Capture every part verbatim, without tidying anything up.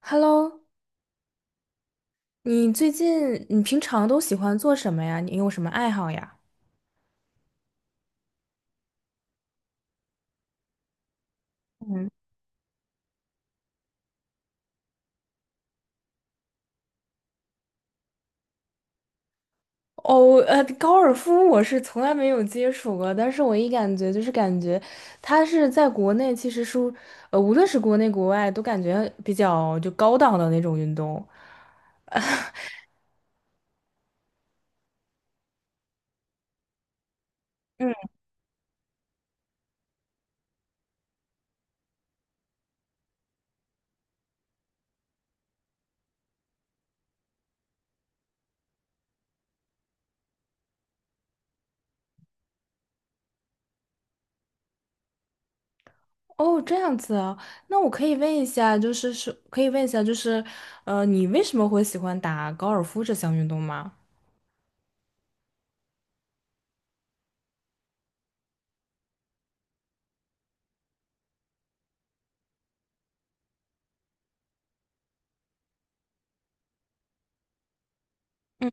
Hello，你最近你平常都喜欢做什么呀？你有什么爱好呀？嗯，哦，呃，高尔夫我是从来没有接触过，但是我一感觉就是感觉它是在国内其实是，呃，无论是国内国外都感觉比较就高档的那种运动。嗯，哦，这样子啊，那我可以问一下，就是是可以问一下，就是呃，你为什么会喜欢打高尔夫这项运动吗？嗯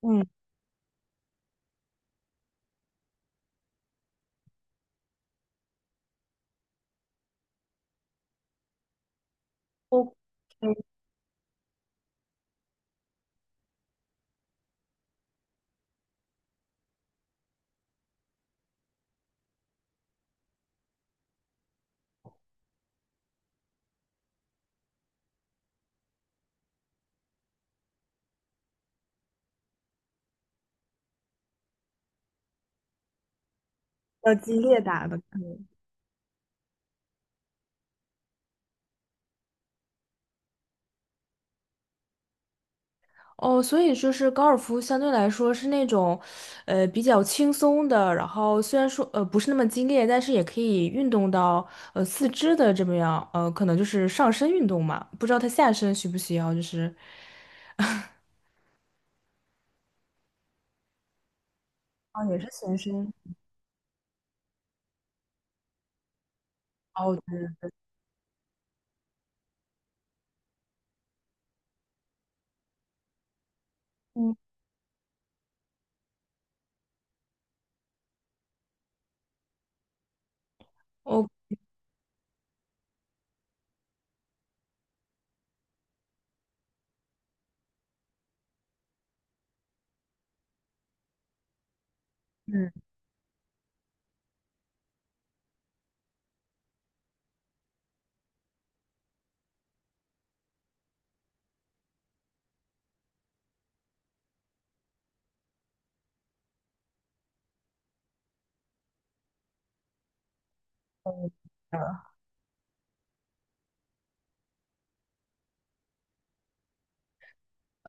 嗯，比较激烈打的。哦，所以就是高尔夫相对来说是那种，呃，比较轻松的，然后虽然说呃不是那么激烈，但是也可以运动到呃四肢的这么样，呃，可能就是上身运动嘛，不知道他下身需不需要，就是啊，也是全身。哦嗯，哦。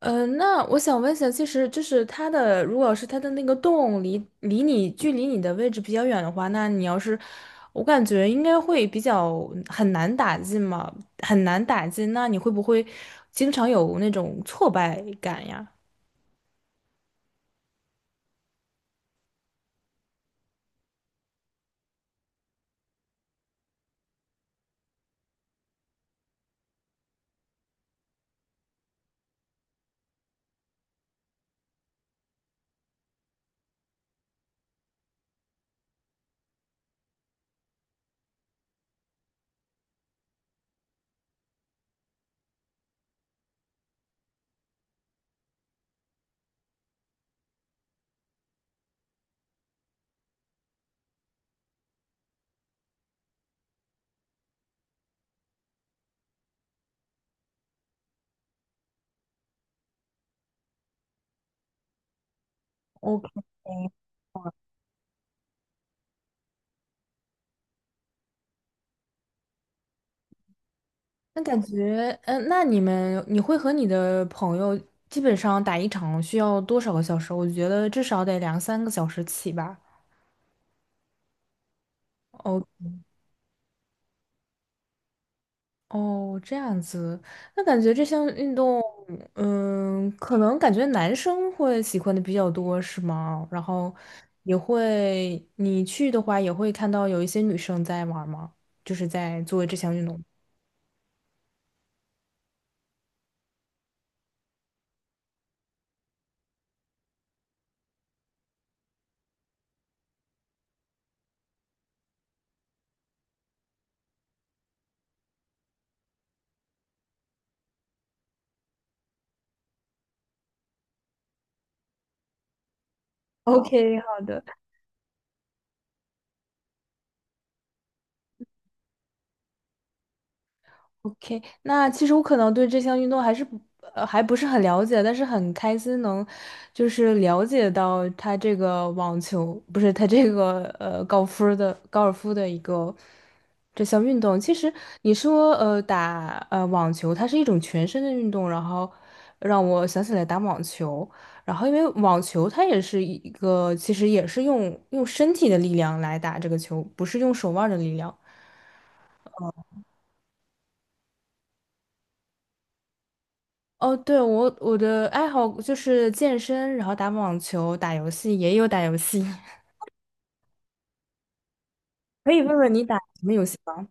呃，那我想问一下，其实就是它的，如果是它的那个洞离离你距离你的位置比较远的话，那你要是，我感觉应该会比较很难打进嘛，很难打进。那你会不会经常有那种挫败感呀？OK，那感觉，嗯、那你们你会和你的朋友基本上打一场需要多少个小时？我觉得至少得两三个小时起吧。哦，这样子，那感觉这项运动，嗯，可能感觉男生会喜欢的比较多，是吗？然后也会，你去的话也会看到有一些女生在玩儿吗？就是在做这项运动。OK，好的。OK，那其实我可能对这项运动还是不呃还不是很了解，但是很开心能就是了解到它这个网球不是它这个呃高尔夫的高尔夫的一个这项运动。其实你说呃打呃网球，它是一种全身的运动，然后让我想起来打网球，然后因为网球它也是一个其实也是用用身体的力量来打这个球，不是用手腕儿的力量。哦，对，我我的爱好就是健身，然后打网球、打游戏，也有打游戏。可以问问你打什么游戏吗？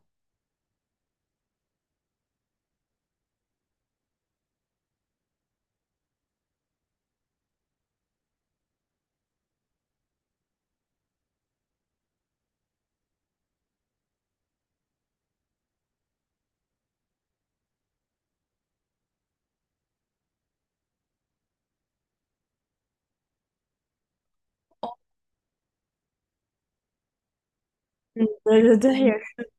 对对对，也是。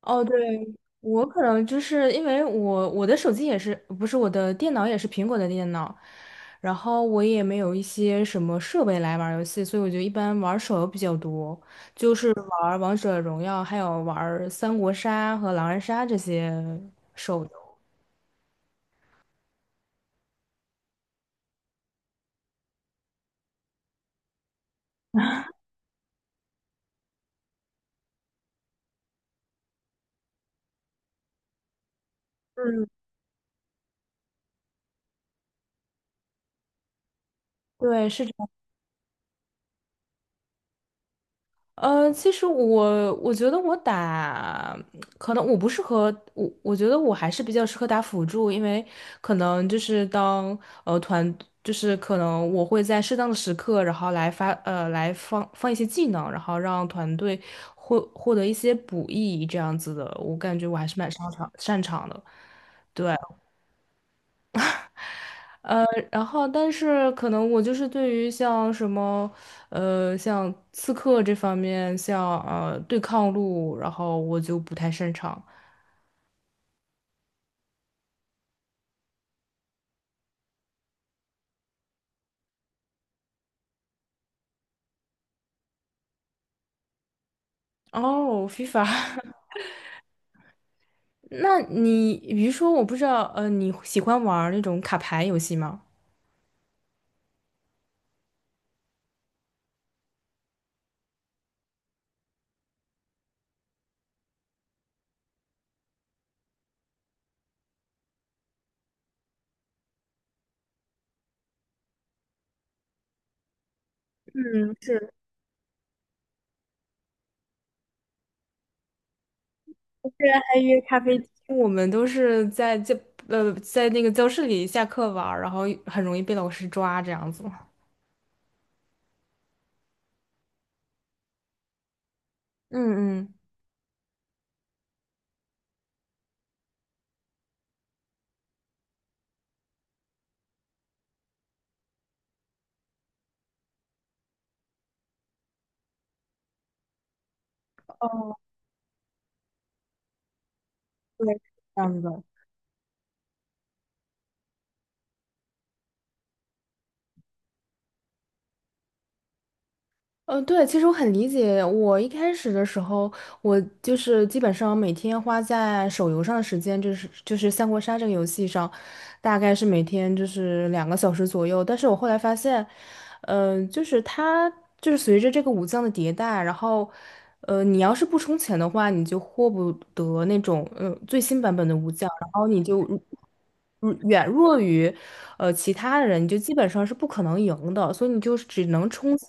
哦，对，我可能就是因为我我的手机也是，不是我的电脑也是苹果的电脑，然后我也没有一些什么设备来玩儿游戏，所以我就一般玩儿手游比较多，就是玩儿王者荣耀，还有玩儿三国杀和狼人杀这些手游。嗯，对，是。呃，其实我我觉得我打，可能我不适合我，我觉得我还是比较适合打辅助，因为可能就是当呃团，就是可能我会在适当的时刻，然后来发呃来放放一些技能，然后让团队获获得一些补益这样子的，我感觉我还是蛮擅长擅长的。对。呃，然后但是可能我就是对于像什么，呃，像刺客这方面，像呃对抗路，然后我就不太擅长。哦，FIFA，那你比如说，我不知道，呃，你喜欢玩儿那种卡牌游戏吗？嗯，是，虽然还约咖啡厅，我们都是在教呃在那个教室里下课玩儿然后很容易被老师抓这样子。嗯嗯，哦，对，这样子。呃，对，其实我很理解。我一开始的时候，我就是基本上每天花在手游上的时间，就是就是三国杀这个游戏上，大概是每天就是两个小时左右。但是我后来发现，嗯、就是它就是随着这个武将的迭代，然后，呃，你要是不充钱的话，你就获不得那种呃最新版本的武将，然后你就如远弱于，呃，其他人，你就基本上是不可能赢的，所以你就是只能充钱。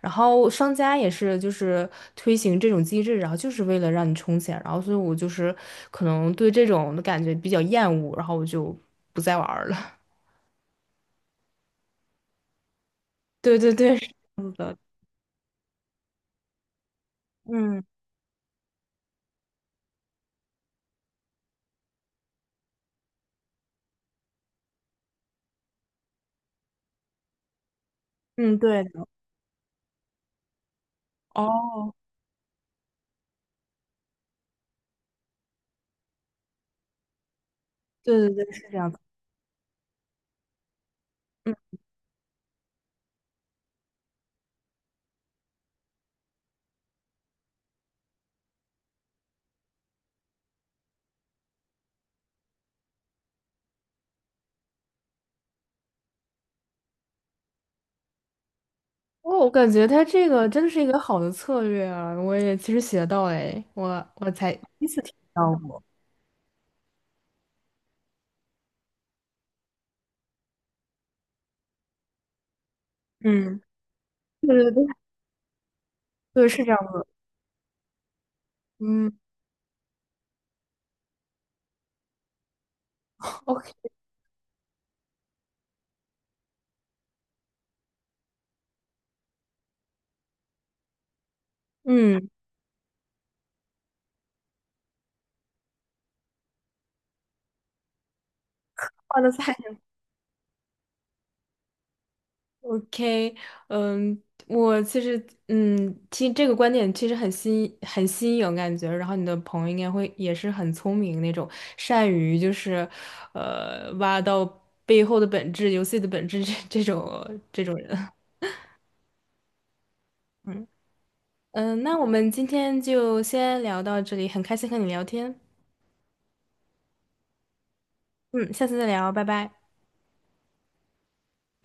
然后商家也是就是推行这种机制，然后就是为了让你充钱，然后所以我就是可能对这种的感觉比较厌恶，然后我就不再玩儿了。对对对，嗯嗯，对的哦，对对对，是这样子。嗯，哦，我感觉他这个真的是一个好的策略啊，我也其实学到了诶，我我才，嗯，对对对，对，是这样子。嗯，OK，嗯，换的菜。OK，嗯，我其实，嗯，听这个观点其实很新，很新颖感觉。然后你的朋友应该会也是很聪明那种，善于就是，呃，挖到背后的本质、游戏的本质这这种这种人。嗯，那我们今天就先聊到这里，很开心和你聊天。嗯，下次再聊，拜拜。